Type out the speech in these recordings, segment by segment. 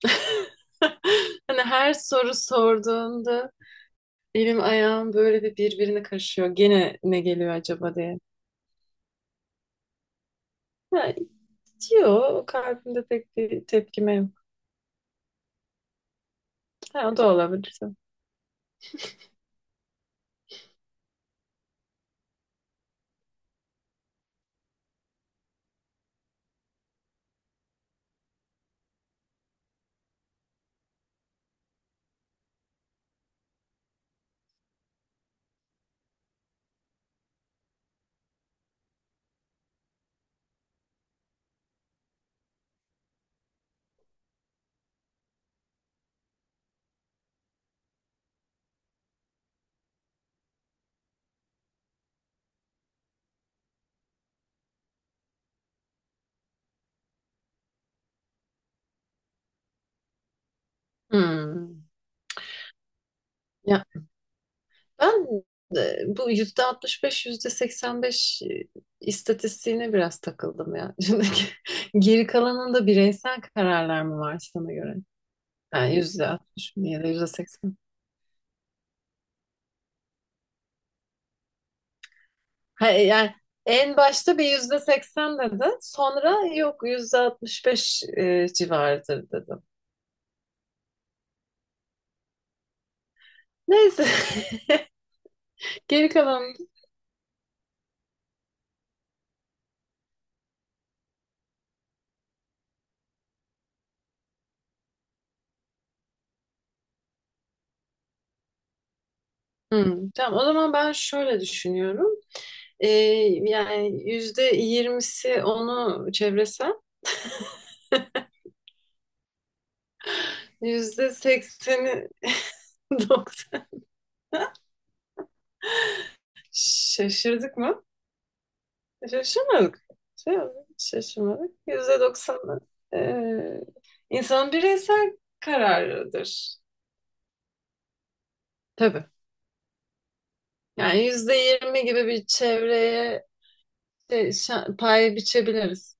Hani her soru sorduğunda elim ayağım böyle bir birbirine karışıyor. Gene ne geliyor acaba diye. Ha, diyor. Kalbimde pek bir tepkime yok. Ha, o da olabilir. Hmm. Ya ben bu %65 %85 istatistiğine biraz takıldım ya. Şimdi geri kalanında bireysel kararlar mı var sana göre? Yani %60 mı ya da %80? Ha, yani en başta bir %80 dedi. Sonra yok %65 civarıdır dedim. Neyse geri kalan. Hmm, tamam o zaman ben şöyle düşünüyorum. Ee, Yani %20'si onu çevresi, %80'i 90. Şaşırdık mı? Şaşırmadık. Şey, Şaşırmadık. %90'ı ee, insanın bireysel kararıdır. Tabii. Yani yüzde yirmi gibi bir çevreye pay biçebiliriz.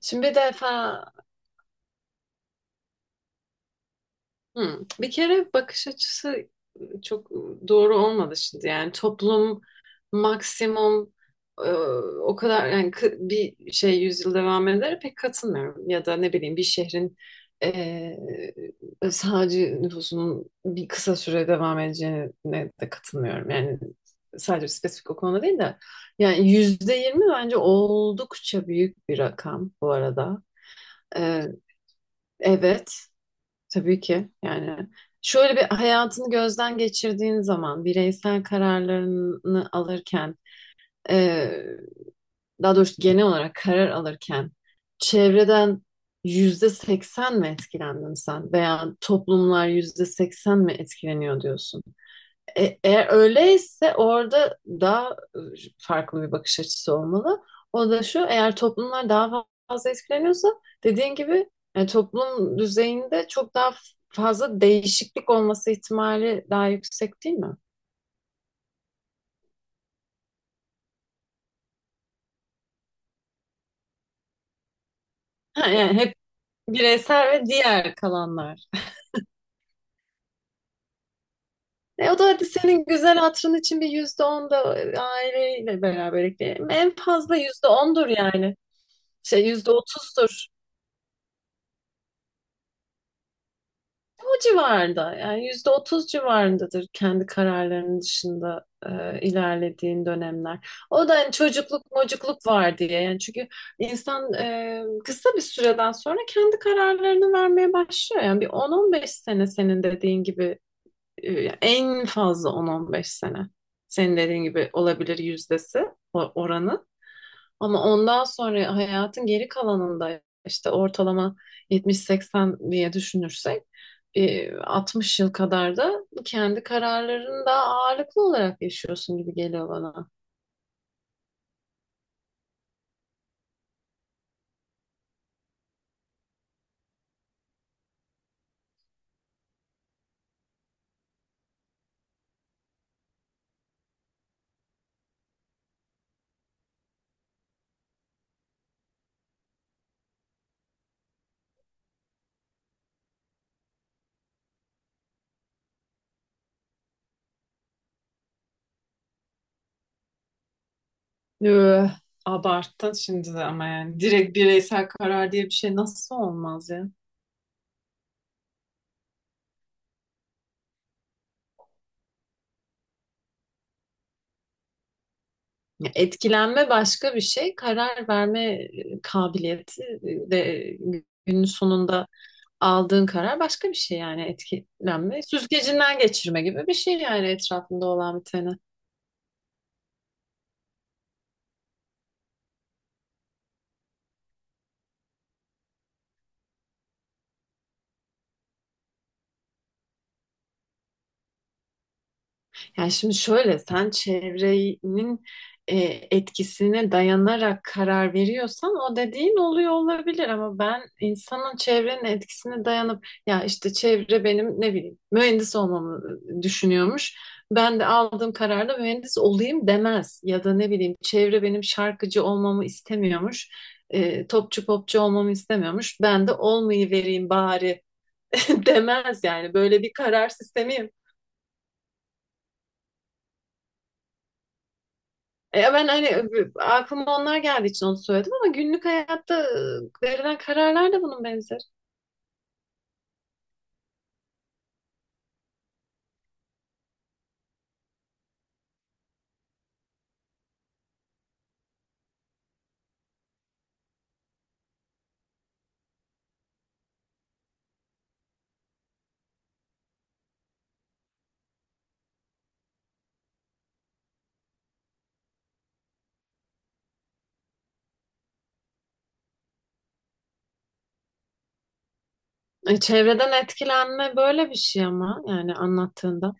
Şimdi bir defa. Hı. Bir kere bakış açısı çok doğru olmadı şimdi. Yani toplum maksimum e, o kadar yani bir şey yüzyıl devam eder pek katılmıyorum. Ya da ne bileyim bir şehrin sadece nüfusunun bir kısa süre devam edeceğine de katılmıyorum. Yani sadece spesifik o konuda değil de yani %20 bence oldukça büyük bir rakam bu arada. E, evet. Tabii ki yani şöyle bir hayatını gözden geçirdiğin zaman bireysel kararlarını alırken eee, daha doğrusu genel olarak karar alırken çevreden %80 mi etkilendin sen veya toplumlar %80 mi etkileniyor diyorsun? Eğer öyleyse orada daha e, farklı bir bakış açısı olmalı. O da şu, eğer toplumlar daha fazla etkileniyorsa dediğin gibi toplum düzeyinde çok daha fazla değişiklik olması ihtimali daha yüksek değil mi? Ha, yani hep bireysel ve diğer kalanlar. O da hadi senin güzel hatırın için bir %10 da aileyle beraber ekleyelim. En fazla %10'dur yani. %30'dur. Bu civarda yani %30 civarındadır kendi kararlarının dışında ilerlediğin dönemler. O da hani çocukluk mocukluk var diye yani çünkü insan kısa bir süreden sonra kendi kararlarını vermeye başlıyor. Yani bir 10-15 sene senin dediğin gibi e, en fazla 10-15 sene senin dediğin gibi olabilir yüzdesi oranı. Ama ondan sonra hayatın geri kalanında işte ortalama 70-80 diye düşünürsek 60 yıl kadar da kendi kararlarını da ağırlıklı olarak yaşıyorsun gibi geliyor bana. Üh, Abarttın şimdi de ama yani direkt bireysel karar diye bir şey nasıl olmaz ya? Etkilenme başka bir şey, karar verme kabiliyeti de günün sonunda aldığın karar başka bir şey yani etkilenme. Süzgecinden geçirme gibi bir şey yani etrafında olan biteni. Yani şimdi şöyle sen çevrenin e, etkisine dayanarak karar veriyorsan o dediğin oluyor olabilir ama ben insanın çevrenin etkisine dayanıp ya işte çevre benim ne bileyim mühendis olmamı düşünüyormuş. Ben de aldığım kararla mühendis olayım demez ya da ne bileyim çevre benim şarkıcı olmamı istemiyormuş. Topçu popçu olmamı istemiyormuş. Ben de olmayı vereyim bari demez yani böyle bir karar sistemi. Ya ben hani aklıma onlar geldiği için onu söyledim ama günlük hayatta verilen kararlar da bunun benzeri. Çevreden etkilenme böyle bir şey ama yani anlattığında.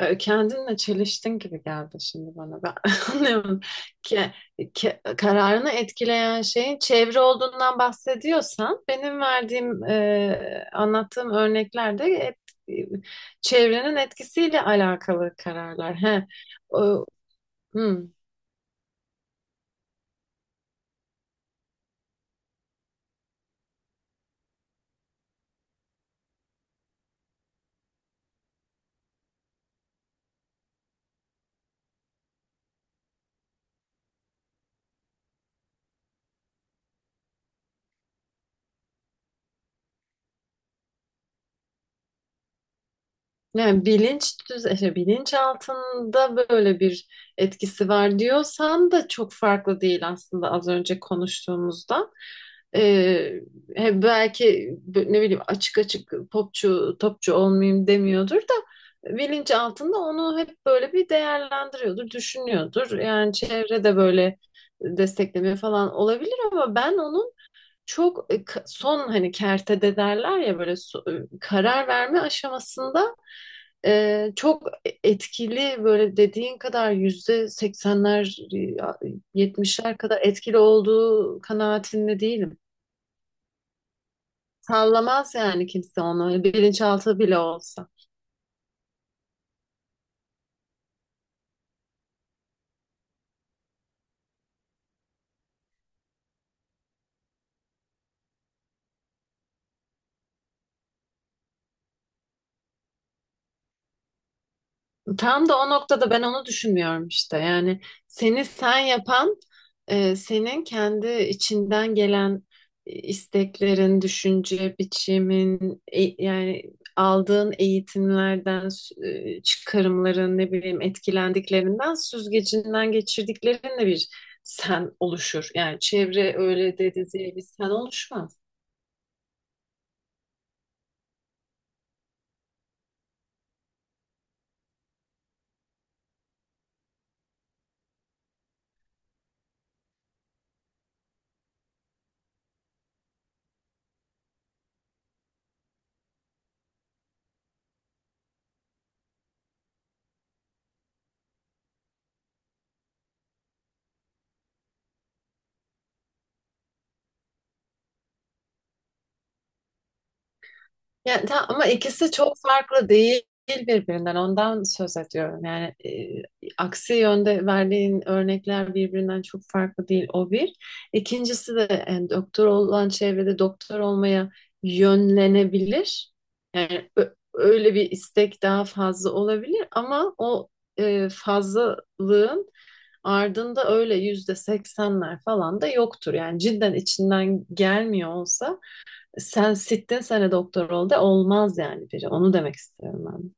Kendinle çeliştin gibi geldi şimdi bana. Ben anlıyorum ki, ki kararını etkileyen şeyin çevre olduğundan bahsediyorsan benim verdiğim anlattığım örneklerde çevrenin etkisiyle alakalı kararlar. He. O, hmm. Yani bilinç altında böyle bir etkisi var diyorsan da çok farklı değil aslında az önce konuştuğumuzdan. Ee, he, Belki ne bileyim açık açık popçu topçu olmayayım demiyordur da bilinç altında onu hep böyle bir değerlendiriyordur, düşünüyordur. Yani çevrede böyle destekleme falan olabilir ama ben onu çok son hani kertede derler ya böyle karar verme aşamasında çok etkili böyle dediğin kadar %80'ler e, 70'ler kadar etkili olduğu kanaatinde değilim. Sallamaz yani kimse onu bilinçaltı bile olsa. Tam da o noktada ben onu düşünmüyorum işte. Yani seni sen yapan, senin kendi içinden gelen isteklerin, düşünce biçimin, yani aldığın eğitimlerden, çıkarımların, ne bileyim etkilendiklerinden, süzgecinden geçirdiklerinle bir sen oluşur. Yani çevre öyle dedi diye bir sen oluşmaz. Yani, tam, ama ikisi çok farklı değil birbirinden. Ondan söz ediyorum. Yani aksi yönde verdiğin örnekler birbirinden çok farklı değil. O bir. İkincisi de yani doktor olan çevrede doktor olmaya yönlenebilir. Yani öyle bir istek daha fazla olabilir ama o fazlalığın ardında öyle %80'ler falan da yoktur. Yani cidden içinden gelmiyor olsa sen sittin sene doktor ol de olmaz yani biri. Onu demek istiyorum ben.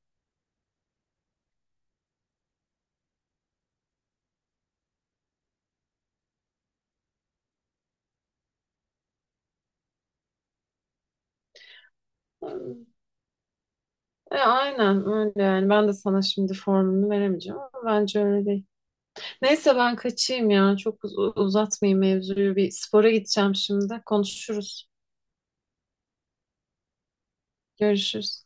Aynen öyle yani. Ben de sana şimdi formunu veremeyeceğim ama bence öyle değil. Neyse ben kaçayım ya. Çok uzatmayayım mevzuyu. Bir spora gideceğim şimdi. Konuşuruz. Görüşürüz.